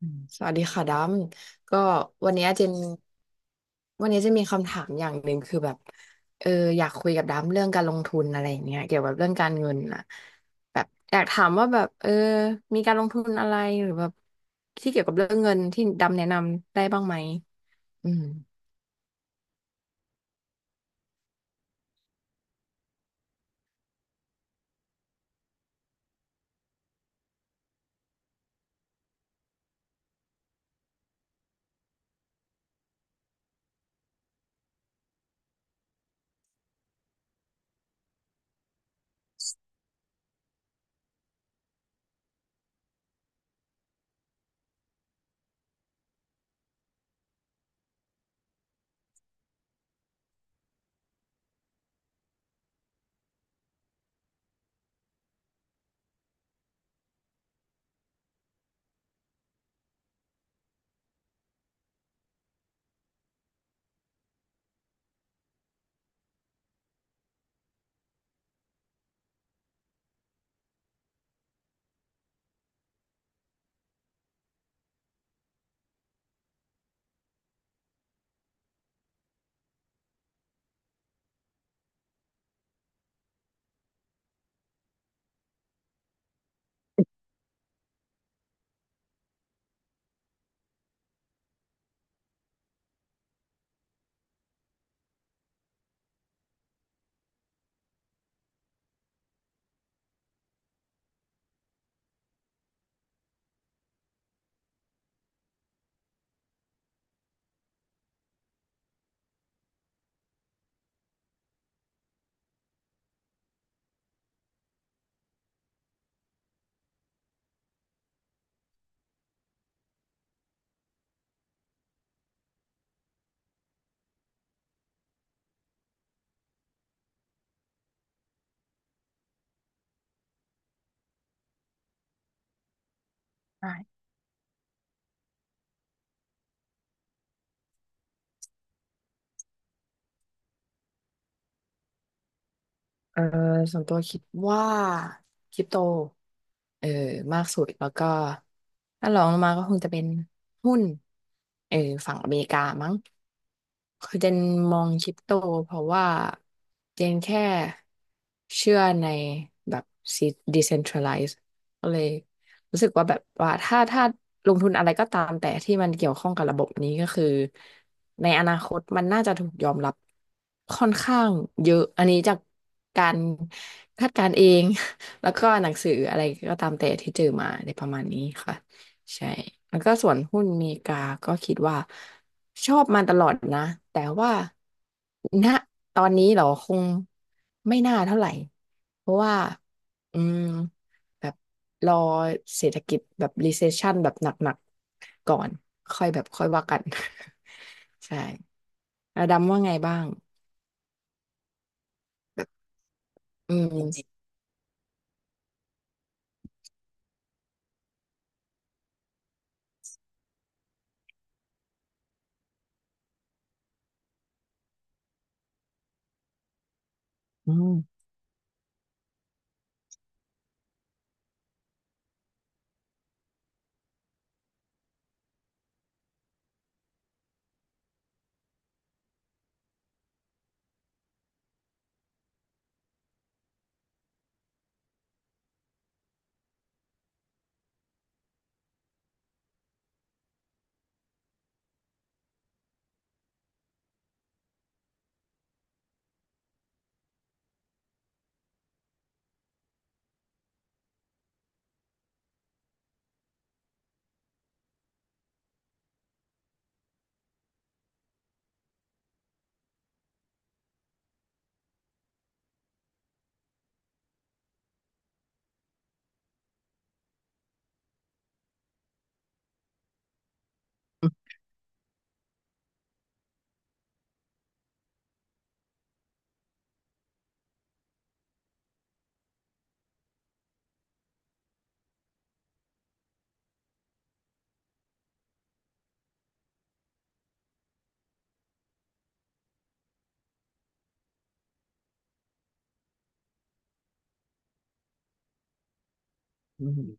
อืมสวัสดีค่ะดำก็วันเนี้ยเจนวันนี้จะมีคำถามอย่างหนึ่งคือแบบเอออยากคุยกับดำเรื่องการลงทุนอะไรอย่างเงี้ยเกี่ยวกับเรื่องการเงินน่ะแบบอยากถามว่าแบบมีการลงทุนอะไรหรือแบบที่เกี่ยวกับเรื่องเงินที่ดำแนะนำได้บ้างไหมอืม เออส่วนตัวคิดว่าคริปโตเออมากสุดแล้วก็ถ้ารองลงมาก็คงจะเป็นหุ้นเออฝั่งอเมริกามั้งคือเจนมองคริปโตเพราะว่าเจนแค่เชื่อในแบบ decentralized ก็เลย รู้สึกว่าแบบว่าถ้าลงทุนอะไรก็ตามแต่ที่มันเกี่ยวข้องกับระบบนี้ก็คือในอนาคตมันน่าจะถูกยอมรับค่อนข้างเยอะอันนี้จากการคาดการณ์เอง แล้วก็หนังสืออะไรก็ตามแต่ที่เจอมาในประมาณนี้ค่ะใช่แล้วก็ส่วนหุ้นอเมริกาก็คิดว่าชอบมาตลอดนะแต่ว่าณตอนนี้เหรอคงไม่น่าเท่าไหร่เพราะว่าอืมแบบ รอเศรษฐกิจแบบ recession แบบหนักๆก่อนค่อยแบบค่อยว่ากัน ใช่แล้วดำว่าไงบ้างอืมอืมอืมอืม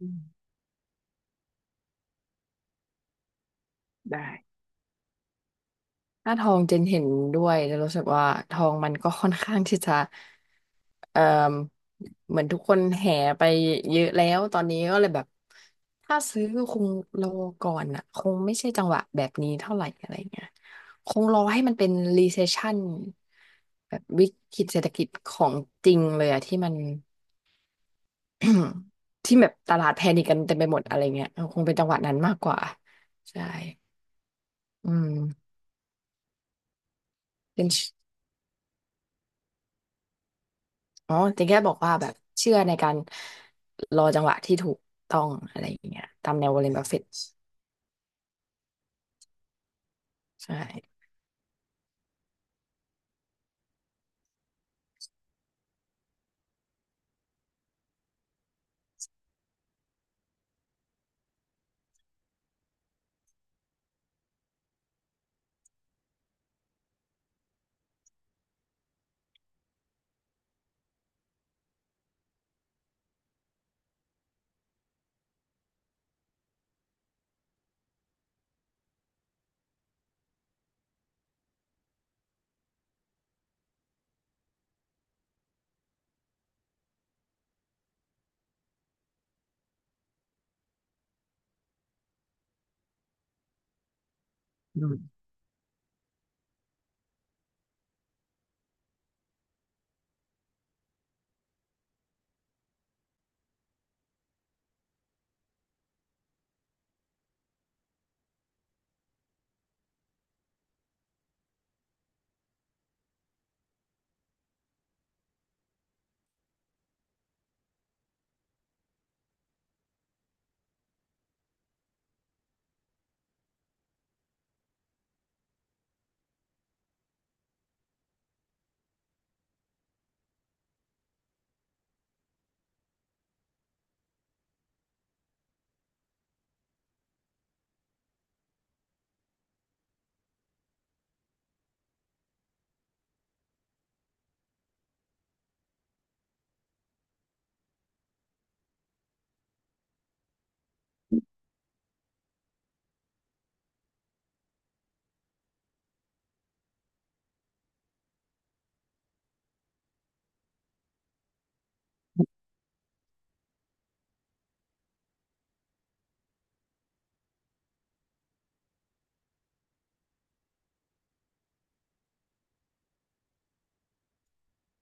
อืมได้ หน้าทองเจนเห็นด้วยจะรู้สึกว่าทองมันก็ค่อนข้างที่จะเอ่อเหมือนทุกคนแห่ไปเยอะแล้วตอนนี้ก็เลยแบบถ้าซื้อคงรอก่อนอ่ะคงไม่ใช่จังหวะแบบนี้เท่าไหร่อะไรเงี้ยคงรอให้มันเป็น recession แบบวิกฤตเศรษฐกิจของจริงเลยอะที่มัน ที่แบบตลาดแพนิคกันเต็มไปหมดอะไรเงี้ยคงเป็นจังหวะนั้นมากกว่าใช่อืม อ๋อแต่แค่บอกว่าแบบเชื่อในการรอจังหวะที่ถูกต้องอะไรอย่างเงี้ยตามแนววอร์เรนบัฟเฟตใช่อืม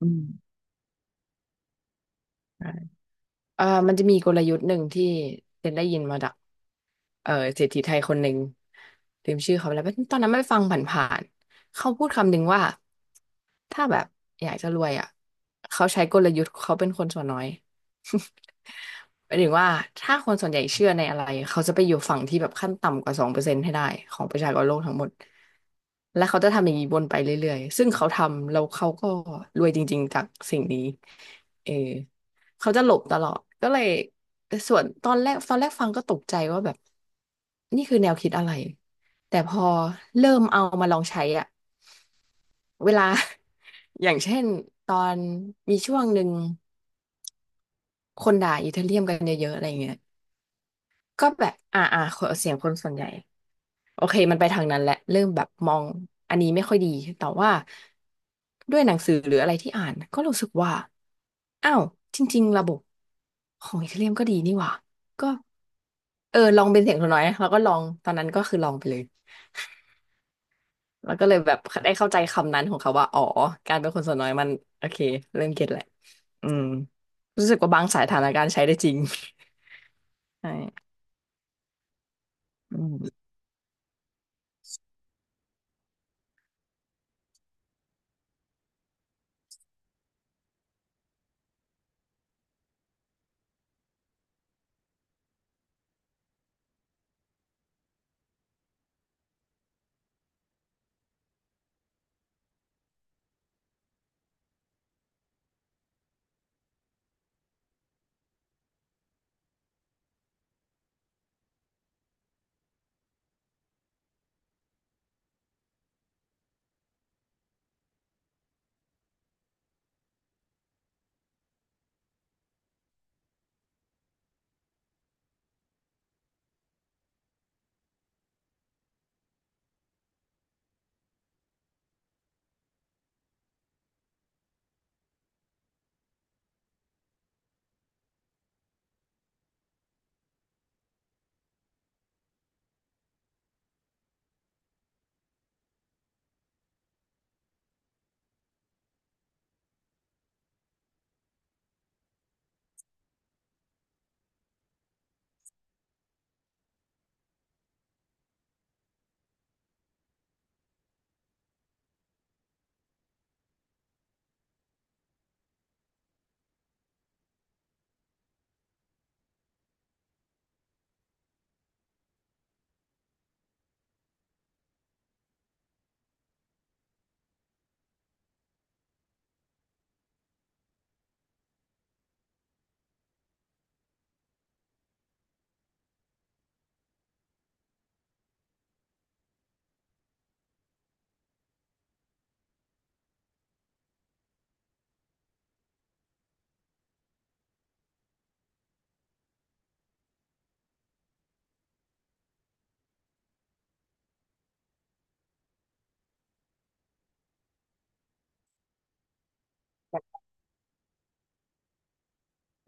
อืมใช่มันจะมีกลยุทธ์หนึ่งที่เจนได้ยินมาจาก เศรษฐีไทยคนหนึ่งลืมชื่อเขาไปแล้วตอนนั้นไม่ฟังผ่านๆเขาพูดคำหนึ่งว่าถ้าแบบอยากจะรวยอ่ะเขาใช้กลยุทธ์เขาเป็นคนส่วนน้อย หมายถึงว่าถ้าคนส่วนใหญ่เชื่อในอะไรเขาจะไปอยู่ฝั่งที่แบบขั้นต่ำกว่า2%ให้ได้ของประชากรโลกทั้งหมดและเขาจะทำอย่างนี้วนไปเรื่อยๆซึ่งเขาทำแล้วเขาก็รวยจริงๆจากสิ่งนี้เออ เขาจะหลบตลอด ก็เลยแต่ส่วนตอนแรกฟังก็ตกใจว่าแบบนี่คือแนวคิดอะไร แต่พอเริ่มเอามาลองใช้อะเวลา อย่างเช่นตอนมีช่วงหนึ่งคนด่าอิตาเรียมกันเยอะๆอะไรเงี้ยก็แบบเสียงคนส่วนใหญ่ โอเคมันไปทางนั้นแหละเริ่มแบบมองอันนี้ไม่ค่อยดีแต่ว่าด้วยหนังสือหรืออะไรที่อ่านก็รู้สึกว่าอ้าวจริงๆระบบของอีเธอเรียมก็ดีนี่หว่าก็เออลองเป็นเสียงตัวน้อยนะแล้วก็ลองตอนนั้นก็คือลองไปเลยแล้วก็เลยแบบได้เข้าใจคำนั้นของเขาว่าอ๋อการเป็นคนส่วนน้อยมันโอเคเริ่มเก็ตแหละอืมรู้สึกว่าบางสายฐานการณ์ใช้ได้จริง ใช่อืม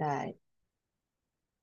ได้